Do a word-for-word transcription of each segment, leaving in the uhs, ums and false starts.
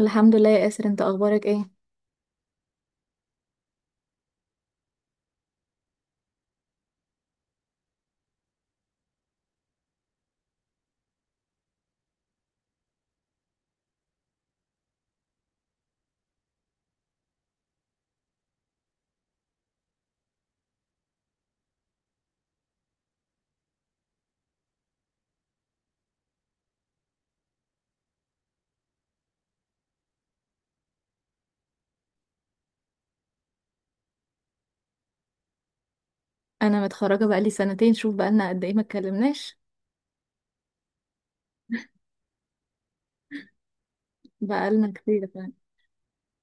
الحمد لله يا ياسر، انت اخبارك ايه؟ انا متخرجه بقالي سنتين، شوف بقالنا قد ايه ما اتكلمناش. بقالنا كتير فعلا.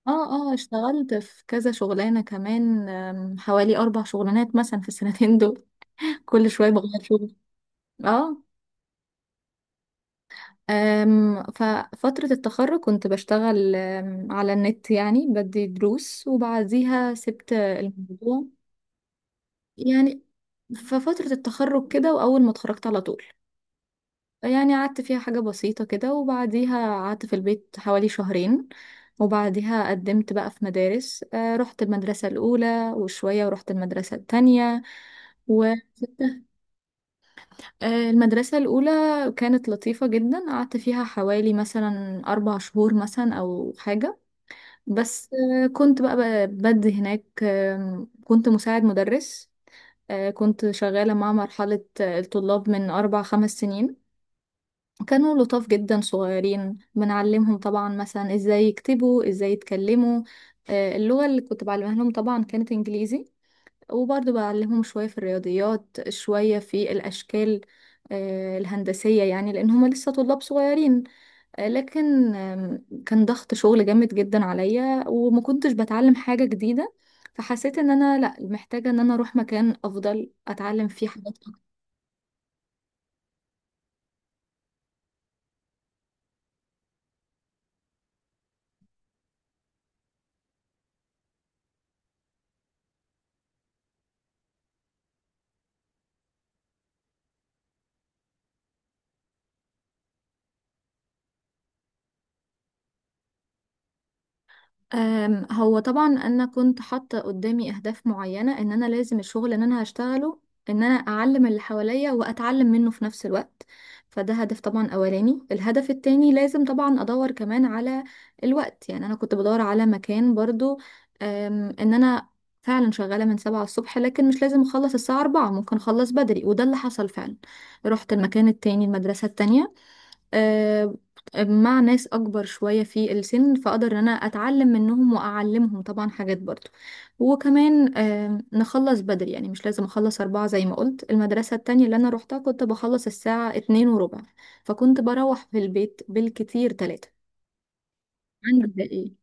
اه، اه، اشتغلت في كذا شغلانه كمان. ام، حوالي اربع شغلانات مثلا في السنتين دول. كل شويه بغير شغل. اه. ام، ففتره التخرج كنت بشتغل ام، على النت، يعني بدي دروس وبعديها سبت الموضوع. يعني ففتره التخرج كده واول ما اتخرجت على طول. يعني قعدت فيها حاجة بسيطة كده وبعديها قعدت في البيت حوالي شهرين. وبعديها قدمت بقى في مدارس. آه، رحت المدرسة الأولى وشوية ورحت المدرسة التانية و آه، المدرسة الأولى كانت لطيفة جدا، قعدت فيها حوالي مثلا أربع شهور مثلا أو حاجة. بس آه، كنت بقى ب- بدي هناك. آم، كنت مساعد مدرس. آه، كنت شغالة مع مرحلة آه، الطلاب من أربع خمس سنين. كانوا لطاف جدا، صغيرين بنعلمهم طبعا مثلا ازاي يكتبوا، ازاي يتكلموا. آه، اللغة اللي كنت بعلمها لهم طبعا كانت انجليزي. وبرضه بعلمهم شوية في الرياضيات، شوية في الاشكال آه، الهندسية، يعني لان هما لسه طلاب صغيرين. آه، لكن آم، كان ضغط شغل جامد جدا عليا، وما كنتش بتعلم حاجة جديدة. فحسيت ان انا لا، محتاجة ان انا اروح مكان افضل اتعلم فيه حاجات. أم، هو طبعا انا كنت حاطه قدامي اهداف معينه، ان انا لازم الشغل ان انا هشتغله، ان انا اعلم اللي حواليا واتعلم منه في نفس الوقت. فده هدف طبعا اولاني. الهدف التاني لازم طبعا ادور كمان على الوقت، يعني انا كنت بدور على مكان برضو. أم، ان انا فعلا شغاله من سبعة الصبح، لكن مش لازم اخلص الساعه أربعة، ممكن اخلص بدري وده اللي حصل فعلا. رحت المكان التاني، المدرسه التانية آه، مع ناس اكبر شوية في السن، فاقدر ان انا اتعلم منهم واعلمهم طبعا حاجات برضو. وكمان آه، نخلص بدري، يعني مش لازم اخلص اربعة زي ما قلت. المدرسة التانية اللي انا روحتها كنت بخلص الساعة اتنين وربع، فكنت بروح في البيت بالكتير تلاتة. عندك ده ايه؟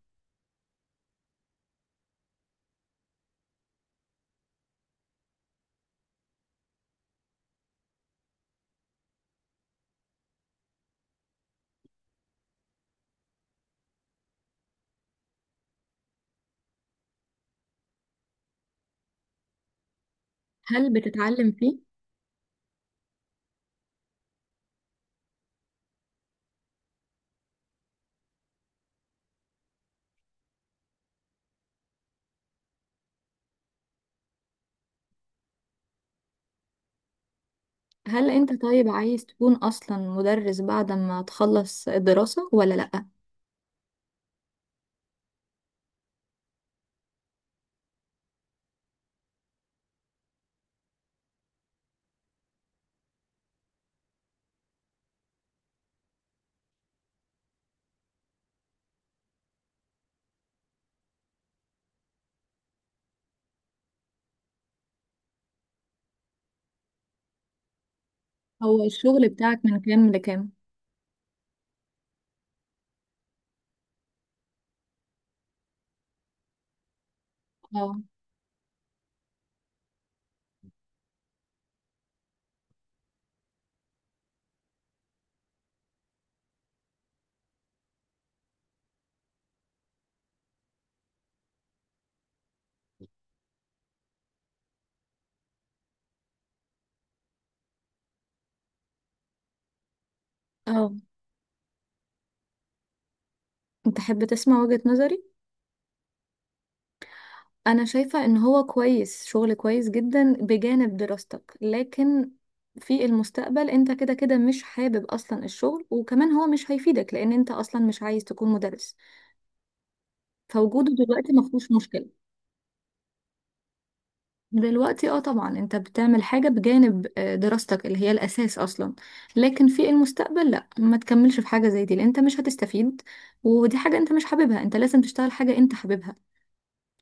هل بتتعلم فيه؟ هل انت طيب عايز تكون اصلا مدرس بعد ما تخلص الدراسة ولا لأ؟ هو الشغل بتاعك من كام لكام؟ اه، اه، تحب تسمع وجهة نظري. انا شايفة ان هو كويس، شغل كويس جدا بجانب دراستك، لكن في المستقبل انت كده كده مش حابب اصلا الشغل، وكمان هو مش هيفيدك لان انت اصلا مش عايز تكون مدرس. فوجوده دلوقتي ما فيهوش مشكلة. دلوقتي اه طبعا انت بتعمل حاجة بجانب آه، دراستك اللي هي الاساس اصلا، لكن في المستقبل لا، ما تكملش في حاجة زي دي لان انت مش هتستفيد. ودي حاجة انت مش حاببها، انت لازم تشتغل حاجة انت حاببها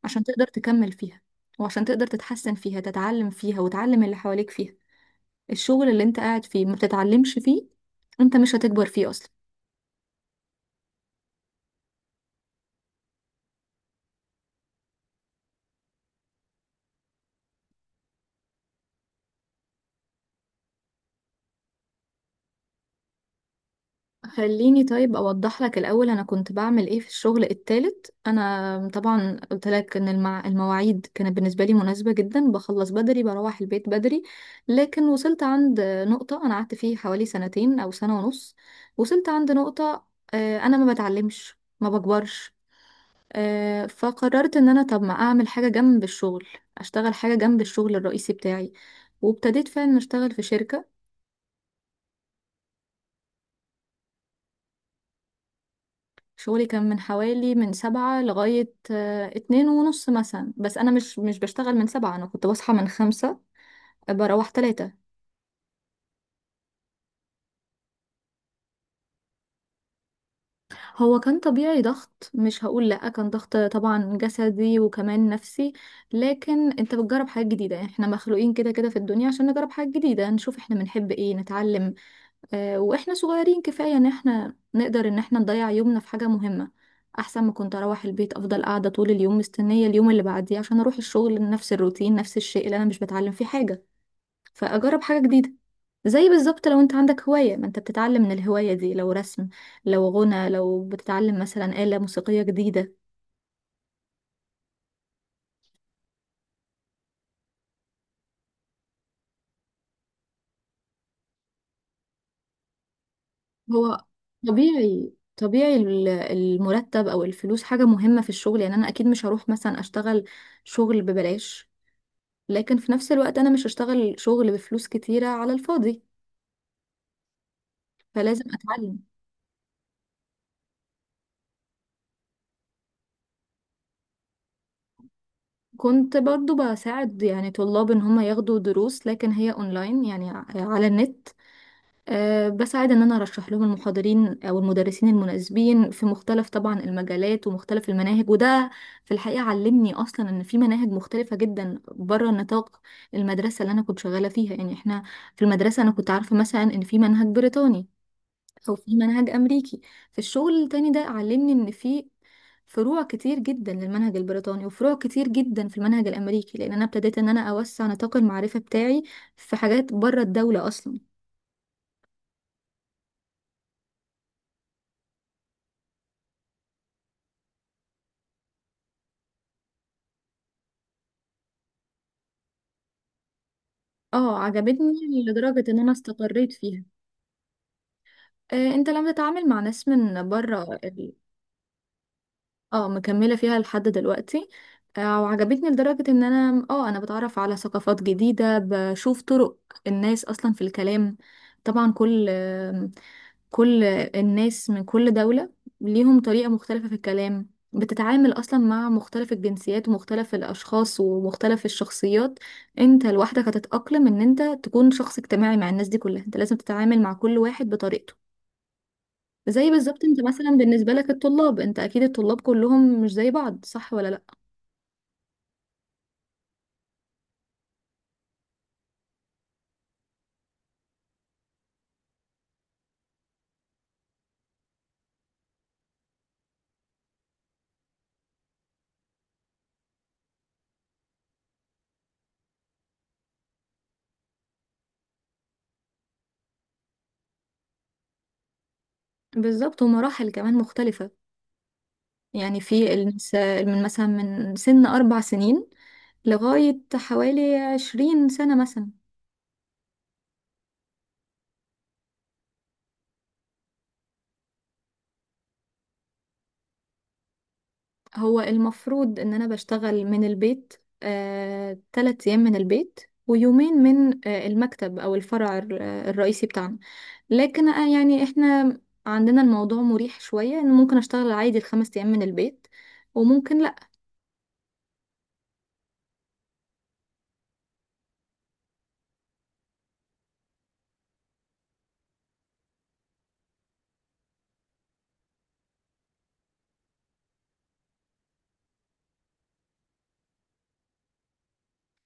عشان تقدر تكمل فيها، وعشان تقدر تتحسن فيها، تتعلم فيها، وتعلم اللي حواليك فيها. الشغل اللي انت قاعد فيه ما بتتعلمش فيه، انت مش هتكبر فيه اصلا. خليني طيب اوضح لك الاول انا كنت بعمل ايه في الشغل التالت. انا طبعا قلت لك ان المع... المواعيد كانت بالنسبه لي مناسبه جدا، بخلص بدري، بروح البيت بدري. لكن وصلت عند نقطه، انا قعدت فيه حوالي سنتين او سنه ونص. وصلت عند نقطه آه، انا ما بتعلمش، ما بكبرش. آه، فقررت ان انا طب ما اعمل حاجة جنب الشغل، اشتغل حاجة جنب الشغل الرئيسي بتاعي، وابتديت فعلا اشتغل في شركة. شغلي كان من حوالي من سبعة لغاية آه، اتنين ونص مثلا، بس انا مش مش بشتغل من سبعة، انا كنت بصحى من خمسة، بروح تلاتة. هو كان طبيعي ضغط، مش هقول لأ، كان ضغط طبعا جسدي وكمان نفسي. لكن انت بتجرب حاجات جديدة، يعني احنا مخلوقين كده كده في الدنيا عشان نجرب حاجات جديدة، نشوف احنا بنحب ايه، نتعلم. آه، واحنا صغيرين كفاية ان احنا نقدر ان احنا نضيع يومنا في حاجة مهمة، احسن ما كنت اروح البيت افضل قاعدة طول اليوم مستنية اليوم اللي بعديه عشان اروح الشغل، نفس الروتين، نفس الشيء اللي انا مش بتعلم فيه حاجة. فاجرب حاجة جديدة، زي بالظبط لو انت عندك هواية، ما انت بتتعلم من الهواية دي، لو رسم، لو غنى، لو بتتعلم مثلا آلة موسيقية جديدة. هو طبيعي طبيعي، ال- المرتب او الفلوس حاجة مهمة في الشغل، يعني انا اكيد مش هروح مثلا اشتغل شغل ببلاش، لكن في نفس الوقت انا مش هشتغل شغل بفلوس كتيرة على الفاضي، فلازم اتعلم. كنت برضو بساعد يعني طلاب ان هم ياخدوا دروس، لكن هي اونلاين، يعني ع- على النت. أه بساعد ان انا ارشح لهم المحاضرين او المدرسين المناسبين في مختلف طبعا المجالات ومختلف المناهج، وده في الحقيقة علمني اصلا ان في مناهج مختلفة جدا بره نطاق المدرسة اللي انا كنت شغالة فيها. يعني احنا في المدرسة انا كنت عارفة مثلا ان في منهج بريطاني او في منهج امريكي. في الشغل التاني ده علمني ان في فروع كتير جدا للمنهج البريطاني، وفروع كتير جدا في المنهج الامريكي، لان انا ابتديت ان انا اوسع نطاق المعرفة بتاعي في حاجات بره الدولة اصلا. اه، عجبتني لدرجة ان انا استقريت فيها. آه، انت لما تتعامل مع ناس من بره. اه، مكملة فيها لحد دلوقتي. آه، وعجبتني لدرجة ان انا اه انا بتعرف على ثقافات جديدة، بشوف طرق الناس اصلا في الكلام. طبعا كل آم، كل الناس من كل دولة ليهم طريقة مختلفة في الكلام. بتتعامل أصلا مع مختلف الجنسيات ومختلف الأشخاص ومختلف الشخصيات. انت لوحدك هتتأقلم ان انت تكون شخص اجتماعي مع الناس دي كلها، انت لازم تتعامل مع كل واحد بطريقته. زي بالظبط انت مثلا بالنسبة لك الطلاب، انت اكيد الطلاب كلهم مش زي بعض، صح ولا لا؟ بالظبط، ومراحل كمان مختلفة، يعني في النس- من مثلا من سن أربع سنين لغاية حوالي عشرين سنة مثلا. هو المفروض ان انا بشتغل من البيت، آه، تلات ايام من البيت، ويومين من آه، المكتب او الفرع الر- الرئيسي بتاعنا. لكن آه، يعني احنا عندنا الموضوع مريح شوية، ان ممكن اشتغل عادي الخمس ايام من البيت، وممكن.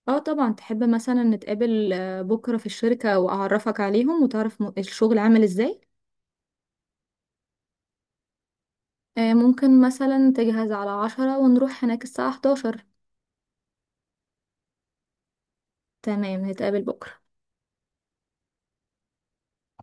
اه، طبعا، تحب مثلا نتقابل آه، بكرة في الشركة وأعرفك عليهم وتعرف م- الشغل عامل ازاي. آه، ممكن مثلا تجهز على عشرة ونروح هناك الساعة احد عشر. تمام، نتقابل بكرة.